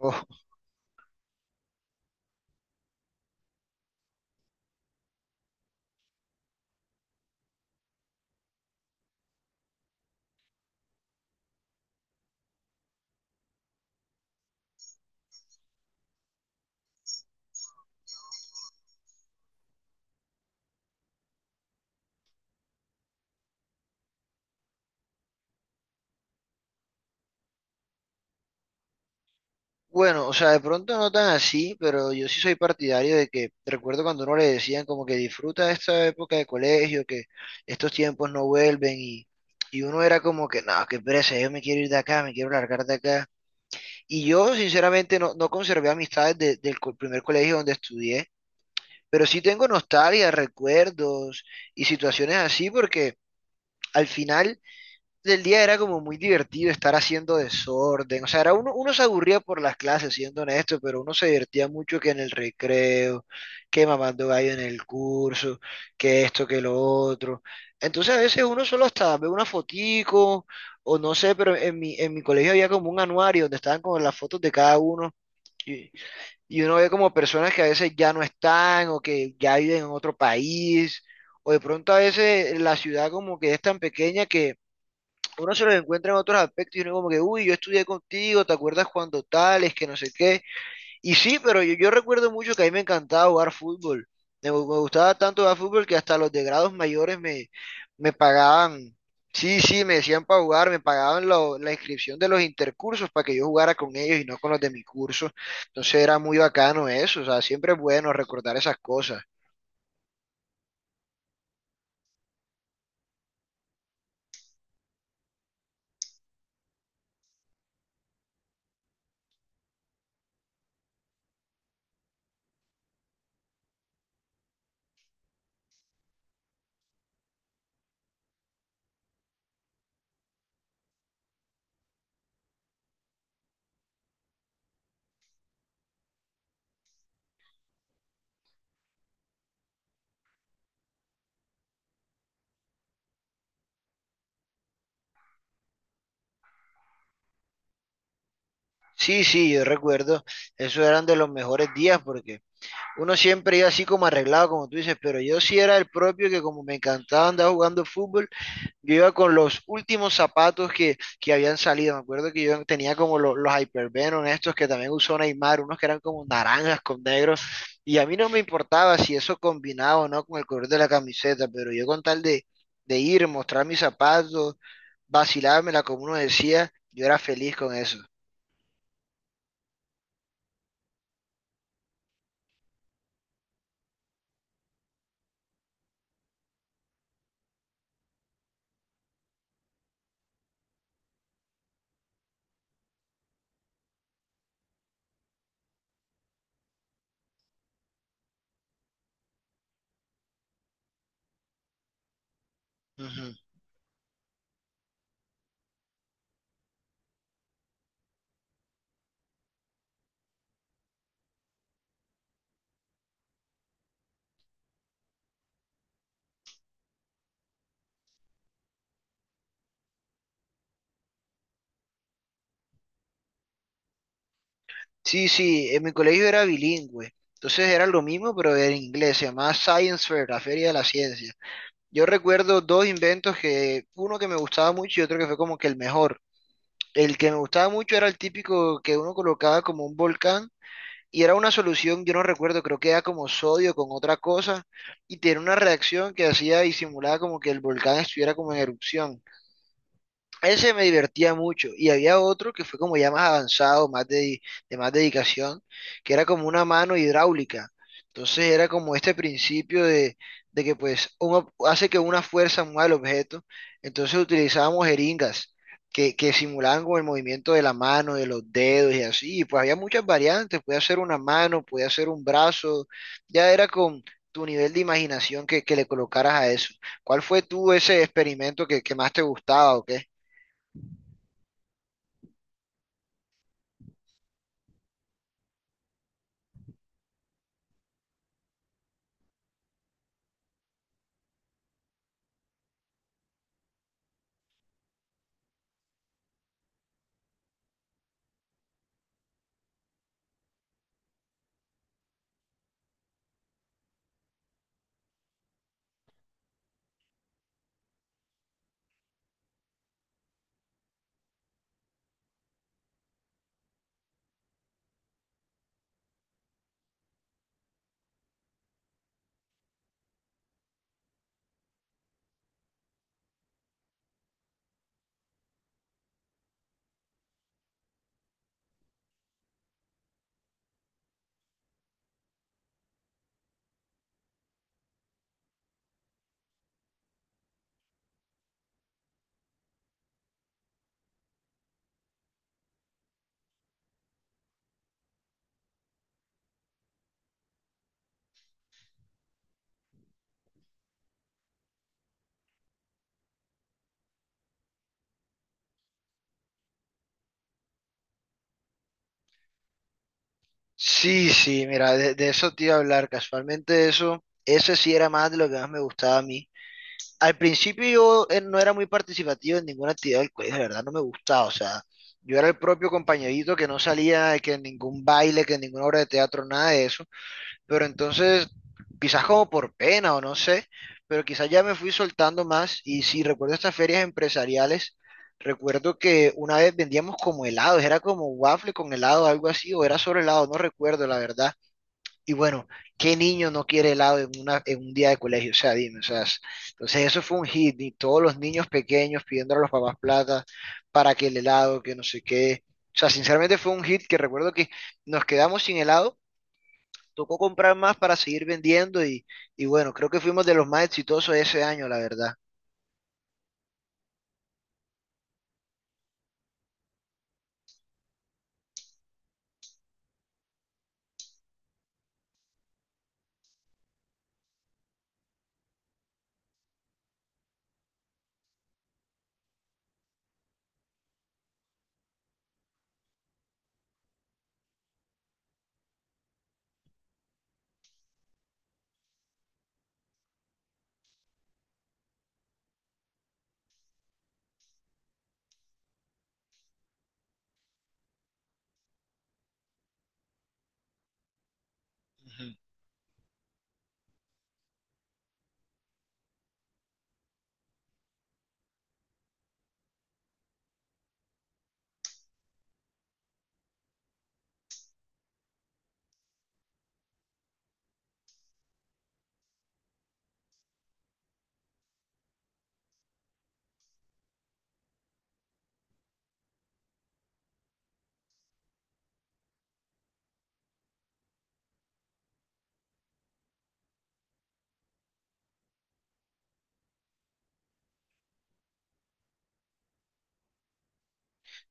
Oh, bueno, o sea, de pronto no tan así, pero yo sí soy partidario de que recuerdo cuando uno le decían como que disfruta esta época de colegio, que estos tiempos no vuelven y uno era como que, no, qué pereza, yo me quiero ir de acá, me quiero largar de acá. Y yo sinceramente no conservé amistades del primer colegio donde estudié, pero sí tengo nostalgia, recuerdos y situaciones así porque al final del día era como muy divertido estar haciendo desorden. O sea, era uno se aburría por las clases, siendo honesto, pero uno se divertía mucho que en el recreo, que mamando gallo en el curso, que esto, que lo otro. Entonces a veces uno solo hasta ve una fotico, o no sé, pero en mi colegio había como un anuario donde estaban como las fotos de cada uno. Y, y uno ve como personas que a veces ya no están o que ya viven en otro país. O de pronto a veces la ciudad como que es tan pequeña que uno se los encuentra en otros aspectos y uno como que, uy, yo estudié contigo, ¿te acuerdas cuando tales, que no sé qué? Y sí, pero yo recuerdo mucho que a mí me encantaba jugar fútbol. Me gustaba tanto jugar fútbol que hasta los de grados mayores me pagaban, sí, sí, me decían para jugar, me pagaban la inscripción de los intercursos para que yo jugara con ellos y no con los de mi curso. Entonces era muy bacano eso, o sea, siempre es bueno recordar esas cosas. Sí, sí, yo recuerdo, esos eran de los mejores días porque uno siempre iba así como arreglado, como tú dices, pero yo sí era el propio que como me encantaba andar jugando fútbol, yo iba con los últimos zapatos que habían salido. Me acuerdo que yo tenía como los Hypervenom estos que también usó Neymar, unos que eran como naranjas con negros, y a mí no me importaba si eso combinaba o no con el color de la camiseta, pero yo con tal de ir, mostrar mis zapatos, vacilármela como uno decía, yo era feliz con eso. Sí, sí, en mi colegio era bilingüe. Entonces era lo mismo, pero en inglés. Se llamaba Science Fair, la Feria de la Ciencia. Yo recuerdo dos inventos que, uno que me gustaba mucho y otro que fue como que el mejor. El que me gustaba mucho era el típico que uno colocaba como un volcán y era una solución, yo no recuerdo, creo que era como sodio con otra cosa y tenía una reacción que hacía y simulaba como que el volcán estuviera como en erupción. Ese me divertía mucho. Y había otro que fue como ya más avanzado, más de más dedicación, que era como una mano hidráulica. Entonces era como este principio de que pues uno hace que una fuerza mueva el objeto. Entonces utilizábamos jeringas que simulaban como el movimiento de la mano, de los dedos y así. Y pues había muchas variantes. Podía ser una mano, podía ser un brazo. Ya era con tu nivel de imaginación que le colocaras a eso. ¿Cuál fue tú ese experimento que más te gustaba o qué? Sí, sí, mira, de eso te iba a hablar, casualmente eso, ese sí era más de lo que más me gustaba a mí. Al principio yo no era muy participativo en ninguna actividad del colegio, de verdad no me gustaba, o sea, yo era el propio compañerito que no salía, que en ningún baile, que en ninguna obra de teatro, nada de eso, pero entonces quizás como por pena o no sé, pero quizás ya me fui soltando más y si recuerdo estas ferias empresariales, recuerdo que una vez vendíamos como helados, era como waffle con helado, algo así, o era sobre helado, no recuerdo la verdad. Y bueno, ¿qué niño no quiere helado en un día de colegio? O sea, dime, o sea, es- entonces eso fue un hit y todos los niños pequeños pidiendo a los papás plata para que el helado, que no sé qué. O sea, sinceramente fue un hit que recuerdo que nos quedamos sin helado, tocó comprar más para seguir vendiendo y bueno, creo que fuimos de los más exitosos ese año, la verdad. Ujú.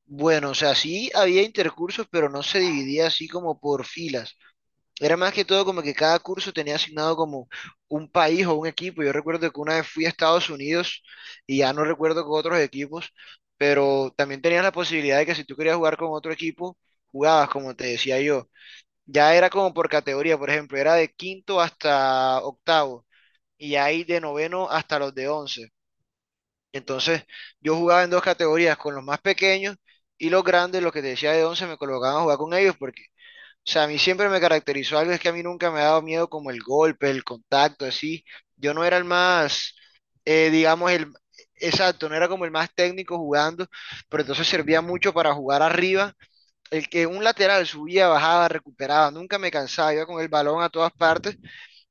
Bueno, o sea, sí había intercursos, pero no se dividía así como por filas. Era más que todo como que cada curso tenía asignado como un país o un equipo. Yo recuerdo que una vez fui a Estados Unidos y ya no recuerdo con otros equipos, pero también tenías la posibilidad de que si tú querías jugar con otro equipo, jugabas, como te decía yo. Ya era como por categoría, por ejemplo, era de quinto hasta octavo, y hay de noveno hasta los de 11. Entonces, yo jugaba en dos categorías, con los más pequeños y los grandes, los que te decía de 11, me colocaban a jugar con ellos porque, o sea, a mí siempre me caracterizó algo, es que a mí nunca me ha dado miedo como el golpe, el contacto, así. Yo no era el más, digamos, el... Exacto, no era como el más técnico jugando, pero entonces servía mucho para jugar arriba. El que un lateral subía, bajaba, recuperaba, nunca me cansaba, iba con el balón a todas partes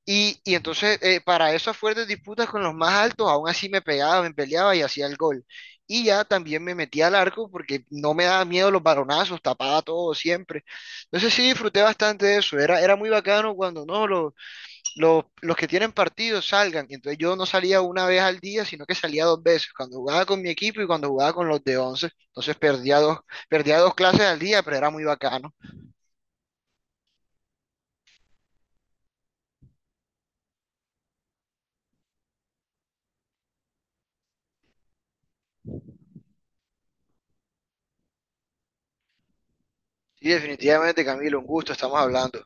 y entonces, para esas fuertes disputas con los más altos, aún así me pegaba, me peleaba y hacía el gol. Y ya también me metía al arco porque no me daba miedo los balonazos, tapaba todo siempre. Entonces sí disfruté bastante de eso. Era, era muy bacano cuando no, los que tienen partidos salgan. Y entonces yo no salía una vez al día, sino que salía dos veces, cuando jugaba con mi equipo y cuando jugaba con los de 11. Entonces perdía dos clases al día, pero era muy bacano. Sí, definitivamente, Camilo, un gusto, estamos hablando.